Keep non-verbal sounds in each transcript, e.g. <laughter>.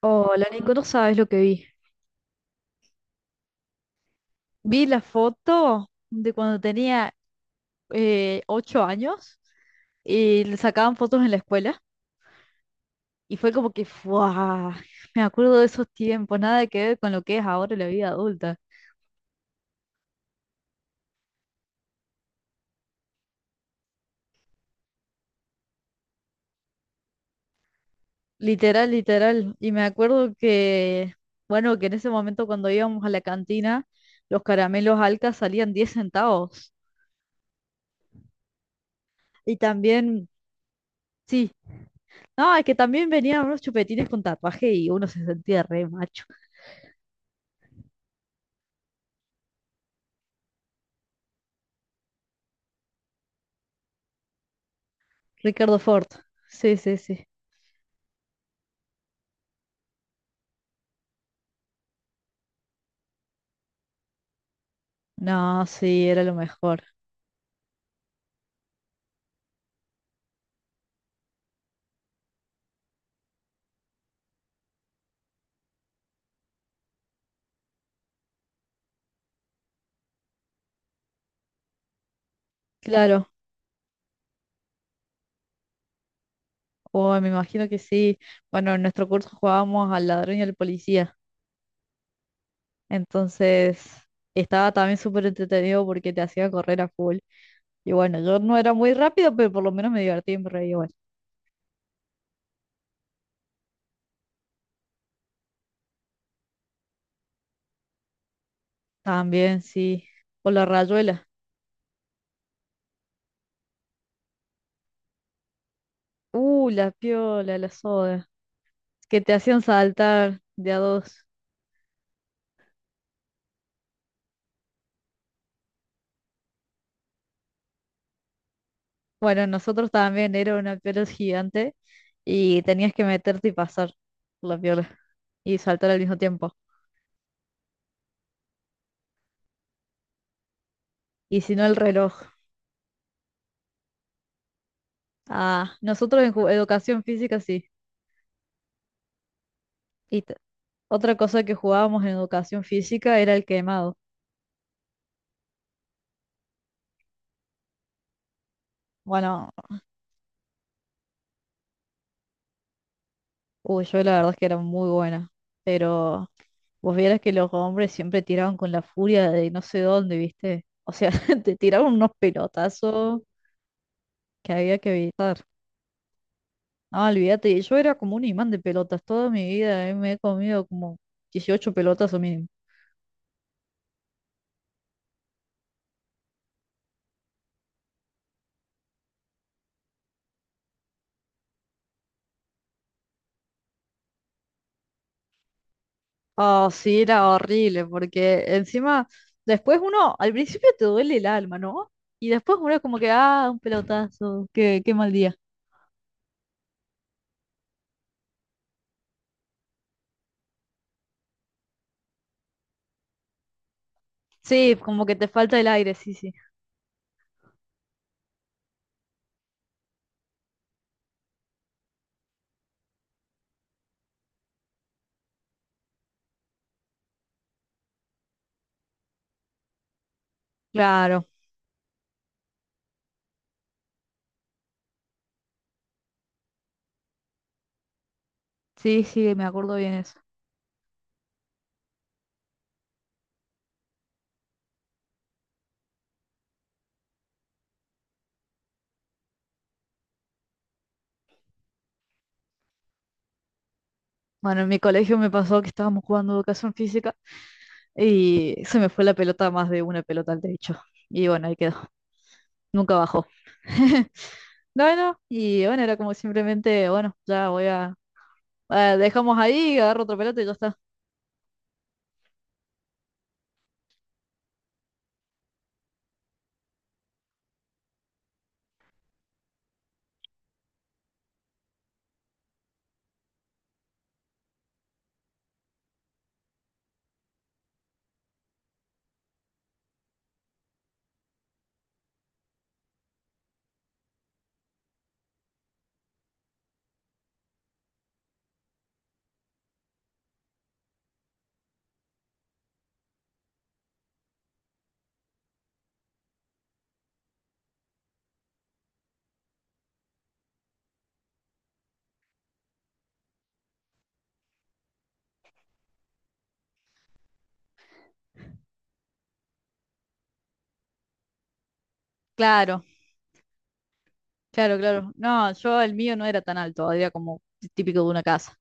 Hola, Nico, no sabes lo que vi. Vi la foto de cuando tenía 8 años y le sacaban fotos en la escuela y fue como que, ¡fua! Me acuerdo de esos tiempos, nada que ver con lo que es ahora la vida adulta. Literal, literal. Y me acuerdo que, bueno, que en ese momento cuando íbamos a la cantina, los caramelos Alca salían 10 centavos. Y también, sí, no, es que también venían unos chupetines con tatuaje y uno se sentía re macho. Ricardo Ford. Sí, sí, sí. No, sí, era lo mejor. Claro. Oh, me imagino que sí. Bueno, en nuestro curso jugábamos al ladrón y al policía. Entonces, estaba también súper entretenido porque te hacía correr a full. Y bueno, yo no era muy rápido, pero por lo menos me divertía y me reía igual. También, sí. O la rayuela. La piola, la soda. Que te hacían saltar de a dos. Bueno, nosotros también era una piola gigante y tenías que meterte y pasar por la piola y saltar al mismo tiempo. Y si no, el reloj. Ah, nosotros en educación física sí. Y t- Otra cosa que jugábamos en educación física era el quemado. Bueno, uy, yo la verdad es que era muy buena, pero vos vieras que los hombres siempre tiraban con la furia de no sé dónde, ¿viste? O sea, <laughs> te tiraban unos pelotazos que había que evitar. Ah, olvídate, yo era como un imán de pelotas toda mi vida, me he comido como 18 pelotas o mínimo. Ah, sí, era horrible, porque encima, después uno, al principio te duele el alma, ¿no? Y después uno es como que, ah, un pelotazo, qué mal día. Sí, como que te falta el aire, sí, sí. Claro, sí, sí, me acuerdo bien eso. Bueno, en mi colegio me pasó que estábamos jugando educación física y se me fue la pelota más de una pelota al techo. Y bueno, ahí quedó. Nunca bajó. <laughs> Bueno, y bueno, era como simplemente, bueno, ya voy a... ah, dejamos ahí, agarro otra pelota y ya está. Claro, claro, claro. No, yo el mío no era tan alto, era como típico de una casa.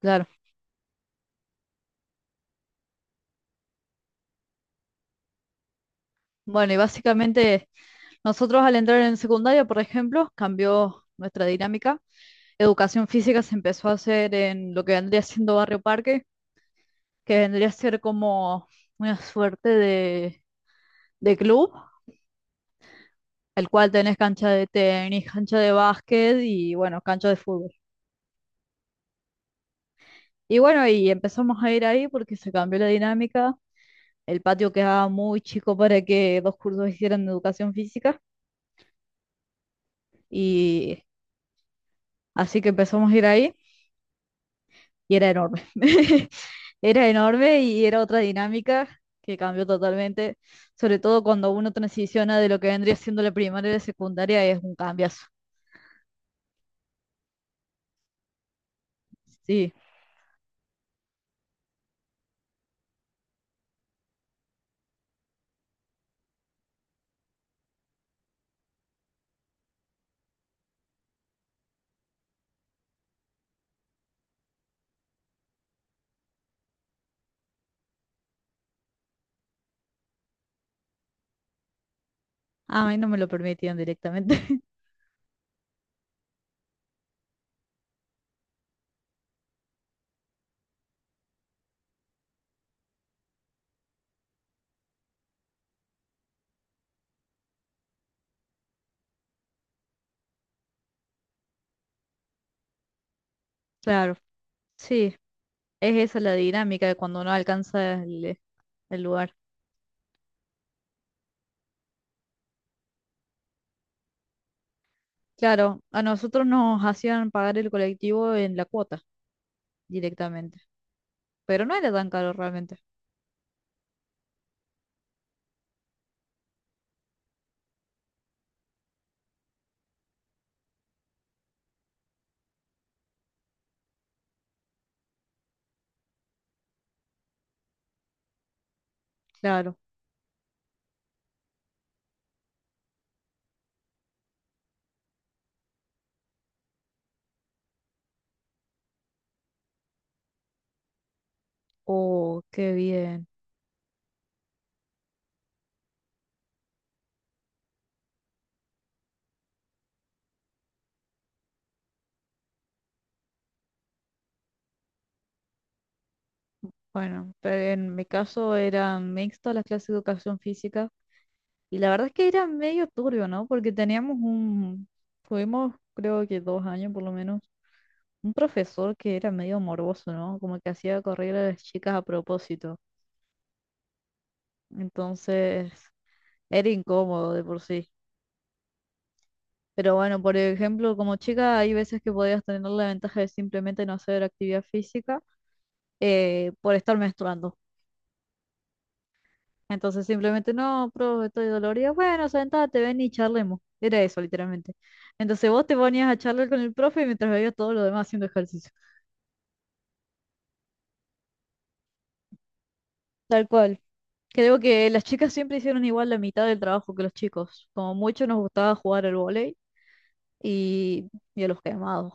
Claro. Bueno, y básicamente nosotros al entrar en secundaria, por ejemplo, cambió nuestra dinámica. Educación física se empezó a hacer en lo que vendría siendo Barrio Parque, que vendría a ser como una suerte de, club, el cual tenés cancha de tenis, cancha de básquet y bueno, cancha de fútbol. Y bueno, y empezamos a ir ahí porque se cambió la dinámica. El patio quedaba muy chico para que dos cursos hicieran educación física y así que empezamos a ir ahí. Y era enorme. <laughs> Era enorme y era otra dinámica que cambió totalmente, sobre todo cuando uno transiciona de lo que vendría siendo la primaria a la secundaria, es un cambiazo. Sí, ah, a mí no me lo permitían directamente. <laughs> Claro, sí, es esa la dinámica de cuando no alcanza el lugar. Claro, a nosotros nos hacían pagar el colectivo en la cuota directamente, pero no era tan caro realmente. Claro. Oh, qué bien. Bueno, pero en mi caso era mixto las clases de educación física y la verdad es que era medio turbio, ¿no? Porque teníamos un, tuvimos creo que 2 años por lo menos, un profesor que era medio morboso, ¿no? Como que hacía correr a las chicas a propósito. Entonces, era incómodo de por sí. Pero bueno, por ejemplo, como chica hay veces que podías tener la ventaja de simplemente no hacer actividad física por estar menstruando. Entonces simplemente, no, profe, estoy dolorida. Bueno, sentate, ven y charlemos. Era eso, literalmente. Entonces vos te ponías a charlar con el profe mientras veías todo lo demás haciendo ejercicio. Tal cual. Creo que las chicas siempre hicieron igual la mitad del trabajo que los chicos. Como mucho nos gustaba jugar al vóley y, y a los quemados.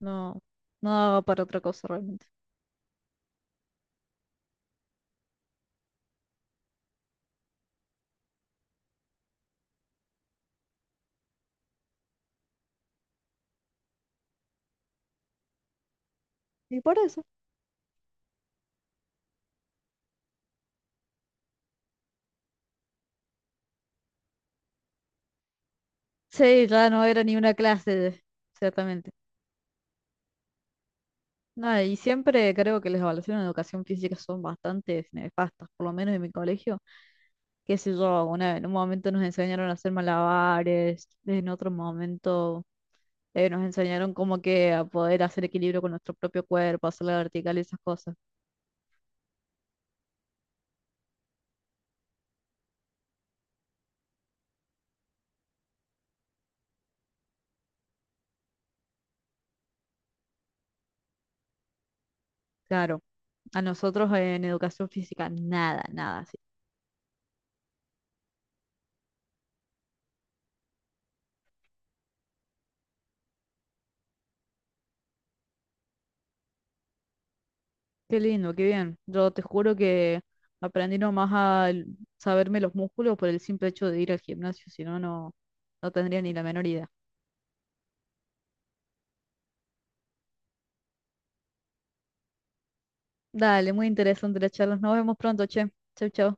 No, no daba para otra cosa realmente. Y por eso. Sí, ya no era ni una clase, exactamente. Nada, y siempre creo que las evaluaciones de educación física son bastante nefastas, por lo menos en mi colegio. Qué sé yo, en un momento nos enseñaron a hacer malabares, en otro momento nos enseñaron como que a poder hacer equilibrio con nuestro propio cuerpo, hacer la vertical y esas cosas. Claro, a nosotros en educación física, nada, nada así. Qué lindo, qué bien. Yo te juro que aprendí nomás a saberme los músculos por el simple hecho de ir al gimnasio, si no, no tendría ni la menor idea. Dale, muy interesante la charla. Nos vemos pronto, che. Chau, chau.